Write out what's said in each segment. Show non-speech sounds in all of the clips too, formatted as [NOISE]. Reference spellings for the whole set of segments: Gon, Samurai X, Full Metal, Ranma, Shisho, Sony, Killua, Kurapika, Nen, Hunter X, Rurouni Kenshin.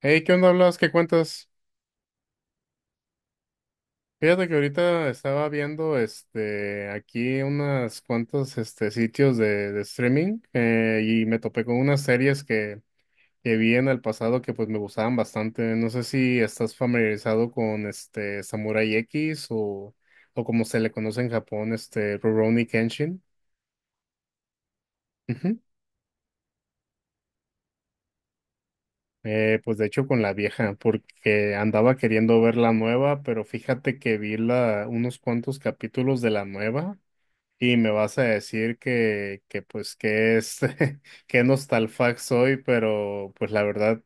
Hey, ¿qué onda hablas? ¿Qué cuentas? Fíjate que ahorita estaba viendo aquí unas cuantos sitios de streaming, y me topé con unas series que vi en el pasado que pues me gustaban bastante. No sé si estás familiarizado con Samurai X o como se le conoce en Japón, este Rurouni Kenshin. Ujú. Pues de hecho con la vieja, porque andaba queriendo ver la nueva, pero fíjate que vi unos cuantos capítulos de la nueva. Y me vas a decir que pues que es [LAUGHS] que nostalfax soy, pero pues la verdad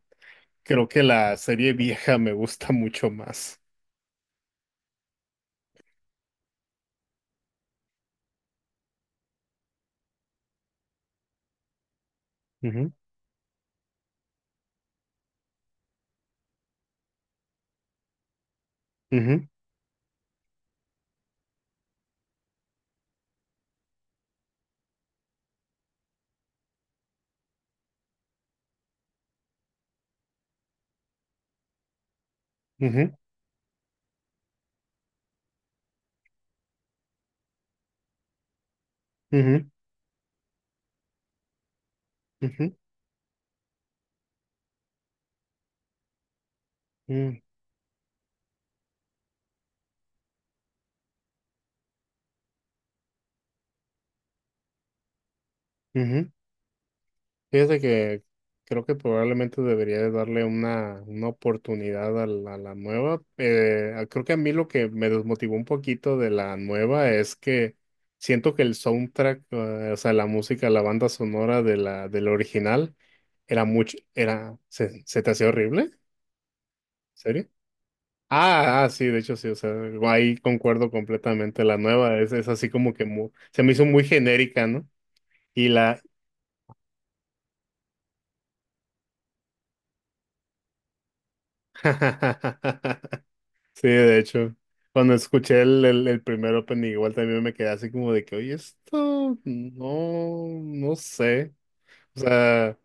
creo que la serie vieja me gusta mucho más. Ujú, ujú, ujú, ujú, ujú, ujú, ujú. Fíjate que creo que probablemente debería de darle una oportunidad a a la nueva. Creo que a mí lo que me desmotivó un poquito de la nueva es que siento que el soundtrack, o sea, la música, la banda sonora de del original era mucho, se, se te hacía horrible, ¿en serio? Sí, de hecho sí, o sea, ahí concuerdo completamente. La nueva es así como que se me hizo muy genérica, ¿no? Y la... [LAUGHS] Sí, de hecho, cuando escuché el primer opening igual también me quedé así como de que, oye, esto no, no sé. O sea,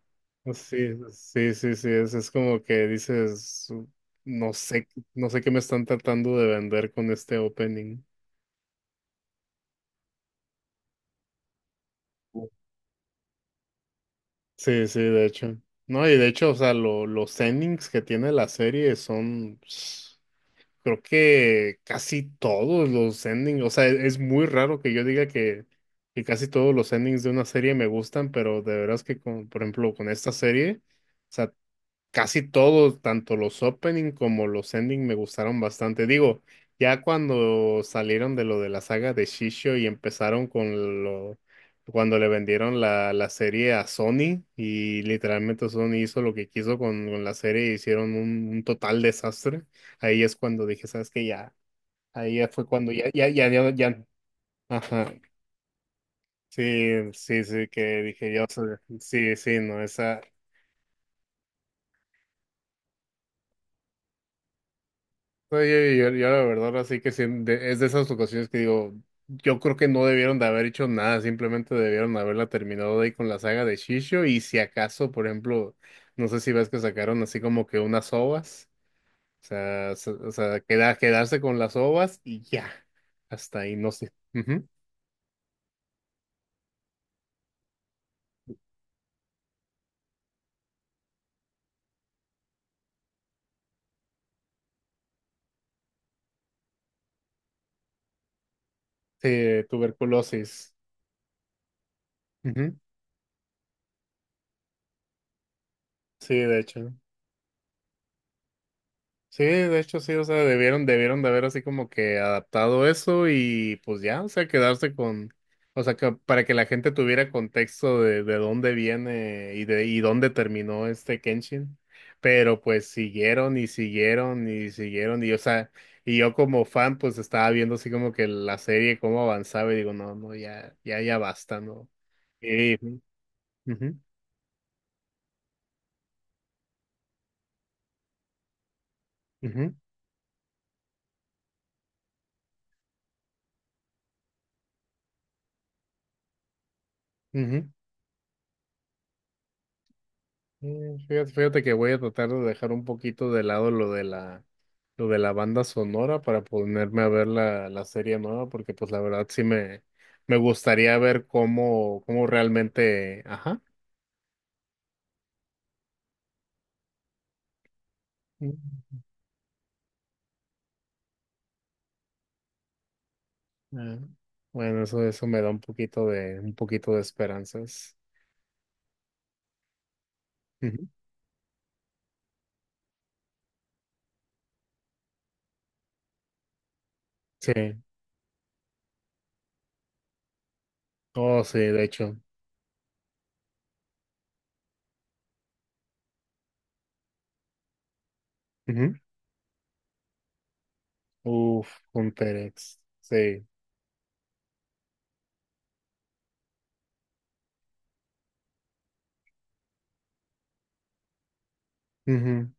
pues sí, sí, sí, sí, es como que dices, no sé, no sé qué me están tratando de vender con este opening. Sí, sí, de hecho. No, y de hecho, o sea, los endings que tiene la serie son. Creo que casi todos los endings, o sea, es muy raro que yo diga que casi todos los endings de una serie me gustan, pero de veras que, con, por ejemplo, con esta serie, o sea, casi todos, tanto los opening como los ending, me gustaron bastante. Digo, ya cuando salieron de lo de la saga de Shisho y empezaron con lo, cuando le vendieron la serie a Sony, y literalmente Sony hizo lo que quiso con la serie y hicieron un total desastre. Ahí es cuando dije, ¿sabes qué? Ya, ahí ya fue cuando ya. Ajá. Sí, sí, sí, que dije yo, o sea, sí, sí, no, esa. No, yo la verdad así que sí, es de esas ocasiones que digo, yo creo que no debieron de haber hecho nada, simplemente debieron haberla terminado ahí con la saga de Shisho y si acaso, por ejemplo, no sé si ves que sacaron así como que unas ovas, o sea, o sea, quedarse con las ovas y ya, hasta ahí, no sé. Ujú. Sí, tuberculosis. Ujú. Sí, de hecho. Sí, de hecho sí, o sea, debieron, debieron de haber así como que adaptado eso y pues ya, o sea, quedarse con, o sea, que para que la gente tuviera contexto de dónde viene y de y dónde terminó este Kenshin. Pero pues siguieron y siguieron y siguieron y, o sea, y yo como fan pues estaba viendo así como que la serie cómo avanzaba y digo, no, no, ya, ya, ya basta, ¿no? Y, ujú, ujú, ujú. Ujú. Mm, fíjate, fíjate que voy a tratar de dejar un poquito de lado lo de lo de la banda sonora para ponerme a ver la serie nueva, porque pues la verdad sí me gustaría ver cómo, cómo realmente, ajá. Mm, ah, bueno, eso me da un poquito de esperanzas. Ujú. Sí, oh sí, de hecho. Ujú. Uf, un Terex. Sí. Ujú.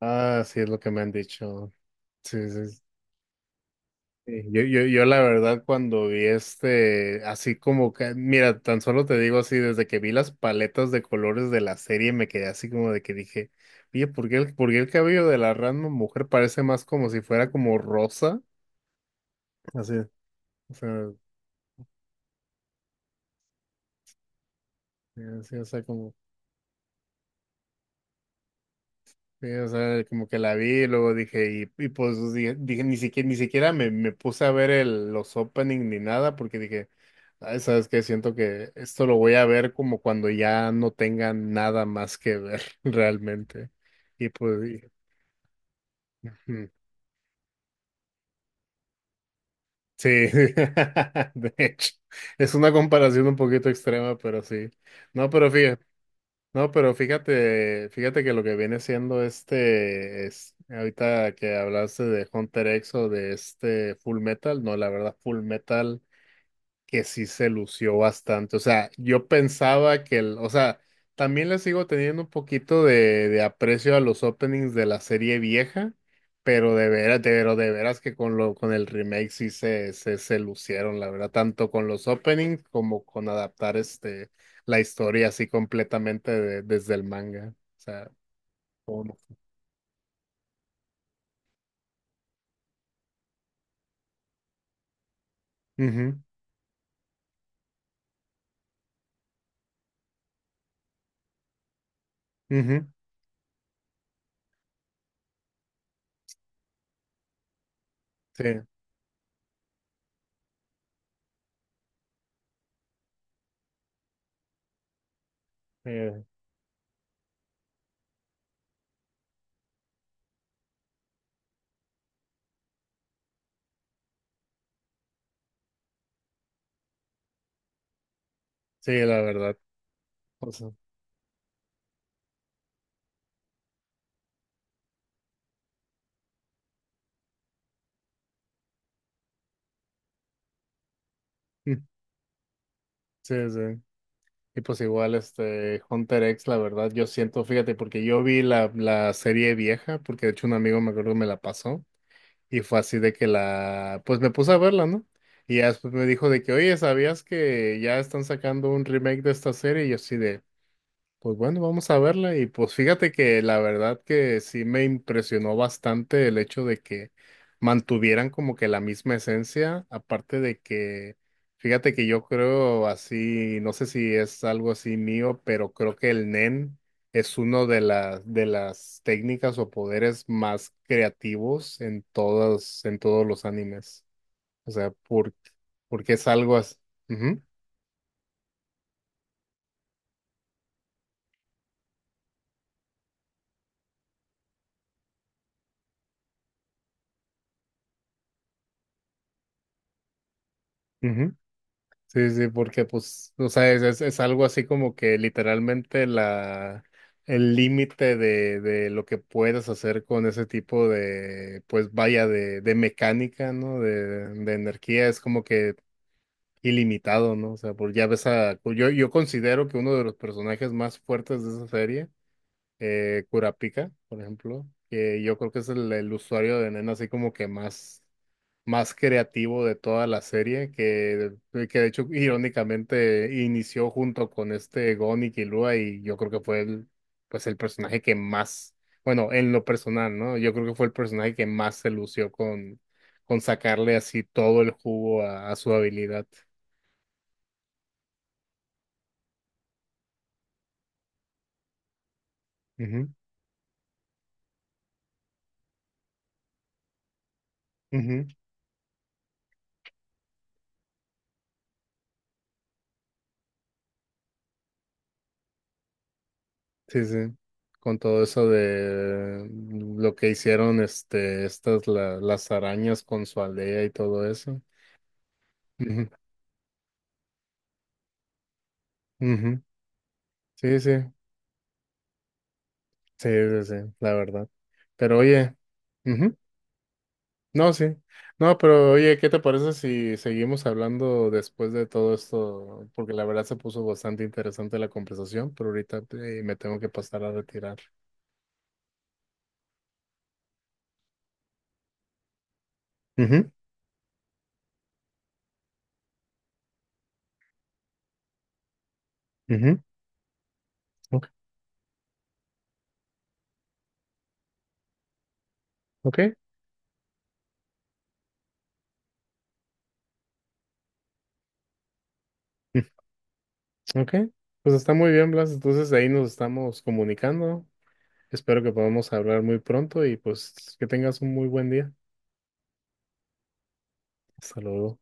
Ah, sí es lo que me han dicho. Sí, sí. Sí, yo, yo la verdad cuando vi así como que, mira, tan solo te digo así, desde que vi las paletas de colores de la serie me quedé así como de que dije, oye, por qué el cabello de la Ranma mujer parece más como si fuera como rosa? Así, o sea, así, o sea, como, sí, o sea, como que la vi y luego dije, y pues dije, dije, ni siquiera, ni siquiera me, me puse a ver los opening ni nada, porque dije, "Ay, ¿sabes qué? Siento que esto lo voy a ver como cuando ya no tenga nada más que ver [LAUGHS] realmente. Y pues, ujú. Sí, [LAUGHS] de hecho, es una comparación un poquito extrema, pero sí. No, pero fíjate. No, pero fíjate, fíjate que lo que viene siendo es, ahorita que hablaste de Hunter X o de este Full Metal, no, la verdad, Full Metal, que sí se lució bastante. O sea, yo pensaba que el, o sea, también le sigo teniendo un poquito de aprecio a los openings de la serie vieja, pero de veras, de, pero de veras que con lo, con el remake sí se lucieron, la verdad, tanto con los openings como con adaptar este la historia así completamente desde el manga. O sea, como- Ujú, ujú, sí, eh, sí, la verdad. O sea, [LAUGHS] mm, sí, sí. Y pues igual este Hunter X, la verdad, yo siento, fíjate, porque yo vi la serie vieja, porque de hecho un amigo me acuerdo que me la pasó, y fue así de que la, pues me puse a verla, ¿no? Y ya después me dijo de que, oye, ¿sabías que ya están sacando un remake de esta serie? Y yo así de, pues bueno, vamos a verla y pues fíjate que la verdad que sí me impresionó bastante el hecho de que mantuvieran como que la misma esencia, aparte de que, fíjate que yo creo así, no sé si es algo así mío, pero creo que el Nen es uno de las técnicas o poderes más creativos en todos los animes. O sea, por, porque es algo así. Ujú, sí, sí, porque pues, o sea, es algo así como que literalmente la, el límite de lo que puedes hacer con ese tipo de, pues vaya, de mecánica, ¿no? De energía es como que ilimitado, ¿no? O sea, pues ya ves a, pues, yo considero que uno de los personajes más fuertes de esa serie, Kurapika, por ejemplo, que yo creo que es el usuario de Nen así como que más, más creativo de toda la serie, que de hecho irónicamente inició junto con este Gon y Killua, y yo creo que fue el, pues el personaje que más, bueno, en lo personal, ¿no? Yo creo que fue el personaje que más se lució con sacarle así todo el jugo a su habilidad. Ujú, ujú. Sí, sí. Con todo eso de lo que hicieron este, estas las arañas con su aldea y todo eso. Ujú, ujú. Sí, sí. Sí, sí, sí, la verdad. Pero oye, ujú, no, sí. No, pero oye, ¿qué te parece si seguimos hablando después de todo esto? Porque la verdad se puso bastante interesante la conversación, pero ahorita me tengo que pasar a retirar. Ujú, ujú, ok, ok, mm, ok. Pues está muy bien, Blas. Entonces ahí nos estamos comunicando. Espero que podamos hablar muy pronto y pues que tengas un muy buen día. Hasta luego.